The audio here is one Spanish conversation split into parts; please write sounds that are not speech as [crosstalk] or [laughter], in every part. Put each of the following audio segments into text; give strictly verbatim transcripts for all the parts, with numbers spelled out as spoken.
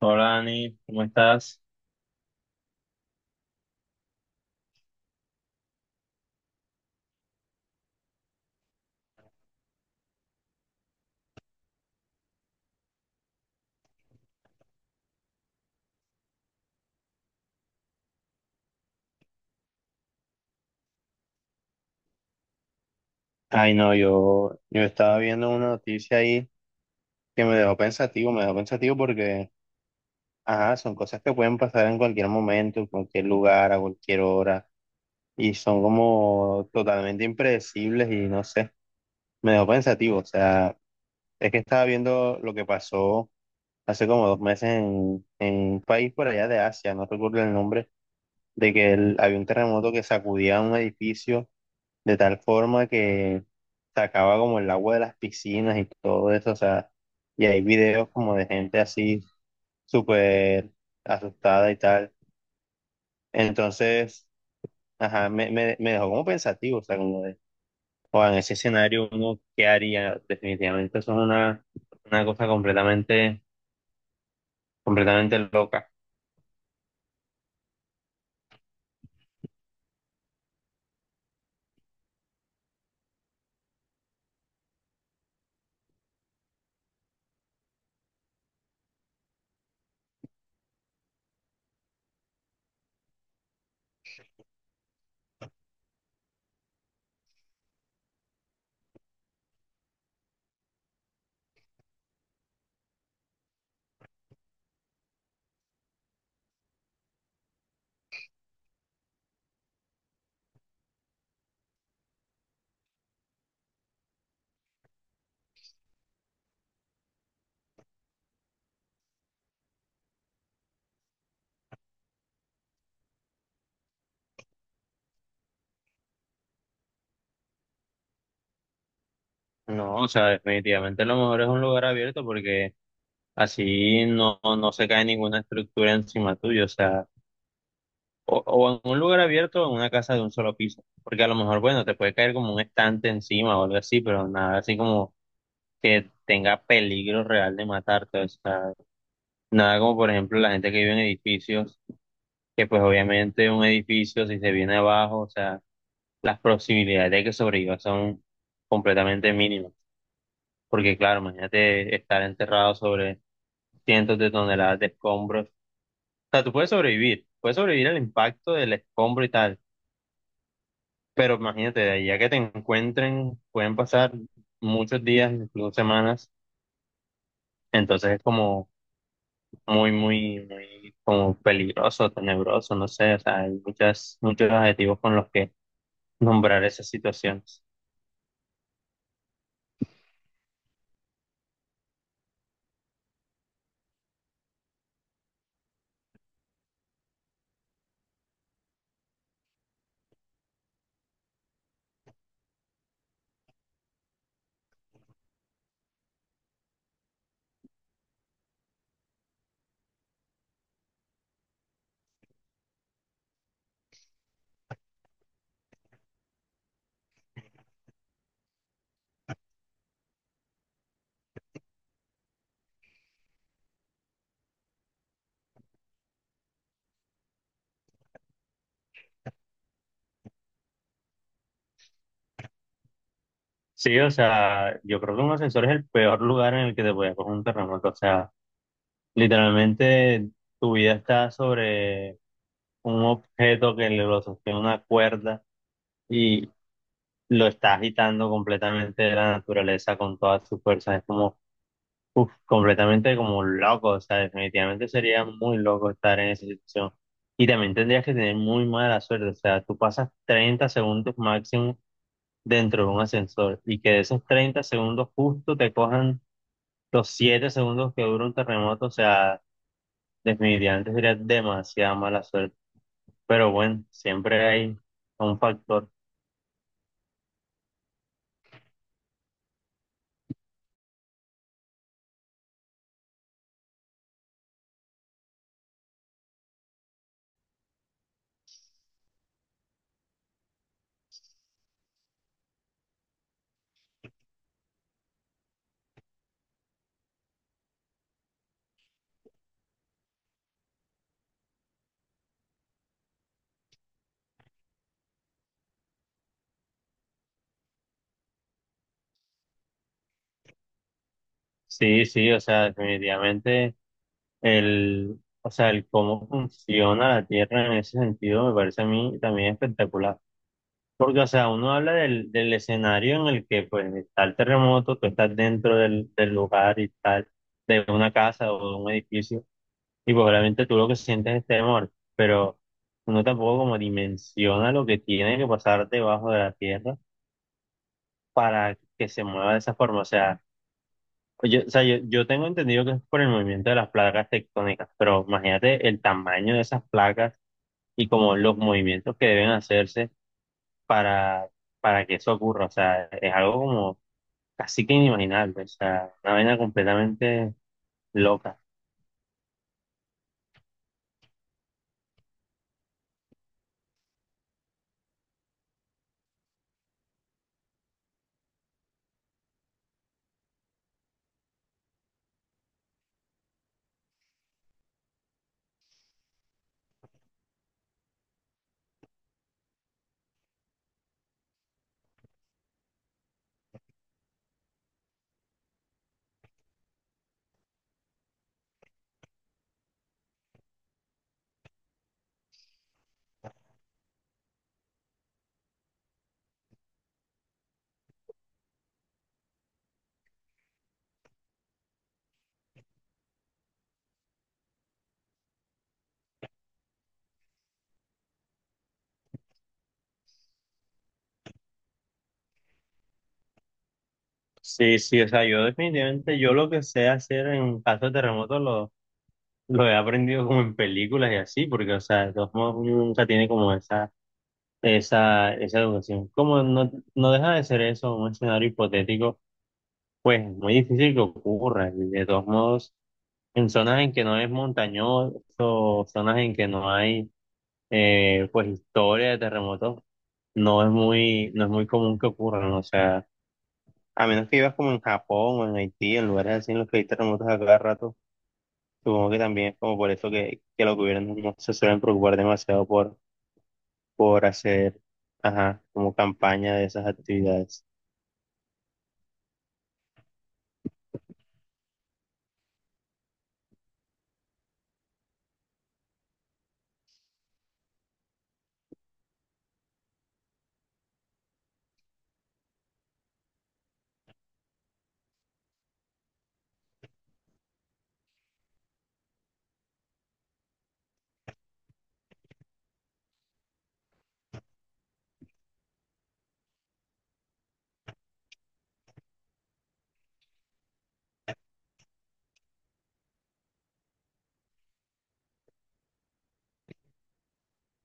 Hola Dani, ¿cómo estás? Ay, no, yo, yo estaba viendo una noticia ahí que me dejó pensativo, me dejó pensativo porque, ajá, son cosas que pueden pasar en cualquier momento, en cualquier lugar, a cualquier hora, y son como totalmente impredecibles y no sé, me dejó pensativo, o sea, es que estaba viendo lo que pasó hace como dos meses en, en un país por allá de Asia, no recuerdo el nombre, de que el- había un terremoto que sacudía un edificio de tal forma que sacaba como el agua de las piscinas y todo eso, o sea, y hay videos como de gente así súper asustada y tal. Entonces, ajá, me, me, me dejó como pensativo, o sea, como de, o en ese escenario uno, ¿qué haría? Definitivamente eso es una, una cosa completamente, completamente loca. No, o sea, definitivamente lo mejor es un lugar abierto porque así no, no se cae ninguna estructura encima tuyo, o sea. O, o en un lugar abierto o en una casa de un solo piso. Porque a lo mejor, bueno, te puede caer como un estante encima o algo así, pero nada así como que tenga peligro real de matarte. O sea, nada como por ejemplo la gente que vive en edificios, que pues obviamente un edificio si se viene abajo, o sea, las posibilidades de que sobreviva son completamente mínimas. Porque claro, imagínate estar enterrado sobre cientos de toneladas de escombros. O sea, tú puedes sobrevivir, puedes sobrevivir al impacto del escombro y tal. Pero imagínate, de ya que te encuentren, pueden pasar muchos días, incluso semanas, entonces es como muy, muy, muy como peligroso, tenebroso, no sé, o sea, hay muchas, muchos adjetivos con los que nombrar esas situaciones. Sí, o sea, yo creo que un ascensor es el peor lugar en el que te puede coger un terremoto, o sea, literalmente tu vida está sobre un objeto que lo sostiene una cuerda. Y lo está agitando completamente de la naturaleza con todas sus fuerzas. Es como, uf, completamente como un loco. O sea, definitivamente sería muy loco estar en esa situación. Y también tendrías que tener muy mala suerte. O sea, tú pasas treinta segundos máximo dentro de un ascensor y que de esos treinta segundos justo te cojan los siete segundos que dura un terremoto. O sea, definitivamente sería demasiada mala suerte. Pero bueno, siempre hay un factor. Sí, sí, o sea, definitivamente. El, o sea, el cómo funciona la Tierra en ese sentido me parece a mí también espectacular. Porque, o sea, uno habla del, del escenario en el que pues está el terremoto, tú estás dentro del, del lugar y tal, de una casa o de un edificio, y pues obviamente tú lo que sientes es temor, pero uno tampoco como dimensiona lo que tiene que pasar debajo de la Tierra para que se mueva de esa forma. O sea, pues Yo, o sea, yo, yo tengo entendido que es por el movimiento de las placas tectónicas, pero imagínate el tamaño de esas placas y como los movimientos que deben hacerse para, para, que eso ocurra. O sea, es algo como casi que inimaginable, o sea, una vaina completamente loca. Sí, sí, o sea, yo definitivamente, yo lo que sé hacer en caso de terremoto lo, lo he aprendido como en películas y así, porque, o sea, de todos modos uno nunca tiene como esa, esa, esa educación. Como no, no deja de ser eso, un escenario hipotético. Pues muy difícil que ocurra, y de todos modos, en zonas en que no es montañoso, zonas en que no hay eh, pues historia de terremotos, no es muy, no es muy común que ocurran, o sea, a menos que vivas como en Japón o en Haití, en lugares así en los que hay terremotos a cada rato, supongo que también es como por eso que, que, los gobiernos no se suelen preocupar demasiado por, por hacer, ajá, como campaña de esas actividades.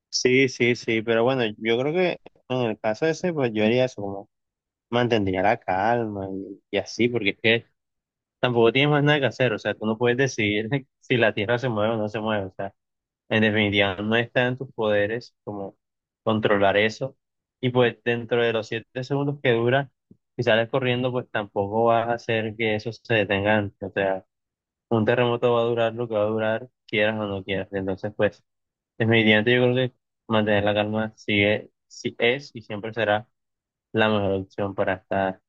Sí, sí, sí, pero bueno, yo creo que en el caso ese, pues yo haría eso, como mantendría la calma y, y así, porque es que tampoco tienes más nada que hacer, o sea, tú no puedes decidir [laughs] si la Tierra se mueve o no se mueve, o sea, en definitiva no está en tus poderes como controlar eso, y pues dentro de los siete segundos que dura, si sales corriendo, pues tampoco vas a hacer que eso se detenga antes, o sea, un terremoto va a durar lo que va a durar, quieras o no quieras, entonces pues, definitivamente yo creo que mantener la calma sigue, si es y siempre será la mejor opción para estar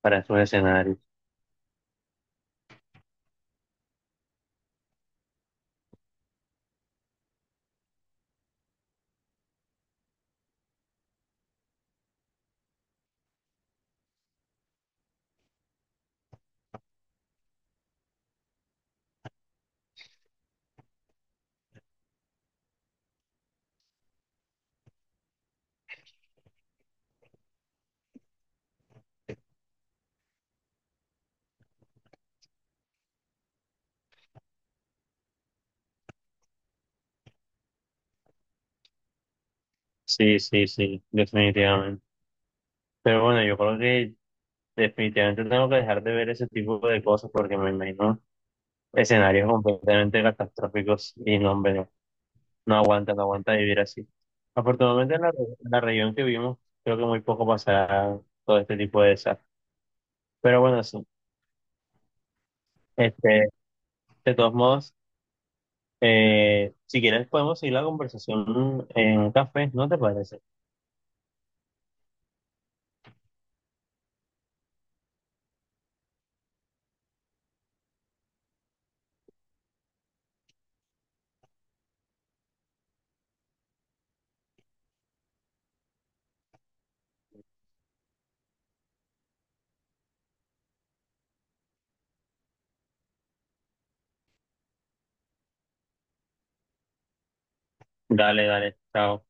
para esos escenarios. Sí, sí, sí, definitivamente. Pero bueno, yo creo que definitivamente tengo que dejar de ver ese tipo de cosas porque me imagino escenarios completamente catastróficos y no, hombre, no, no aguanta, no aguanta vivir así. Afortunadamente en la, re- en la región que vivimos, creo que muy poco pasará todo este tipo de desastres. Pero bueno, sí, este, de todos modos, eh, si quieres podemos seguir la conversación en un café, ¿no te parece? Dale, dale, chao.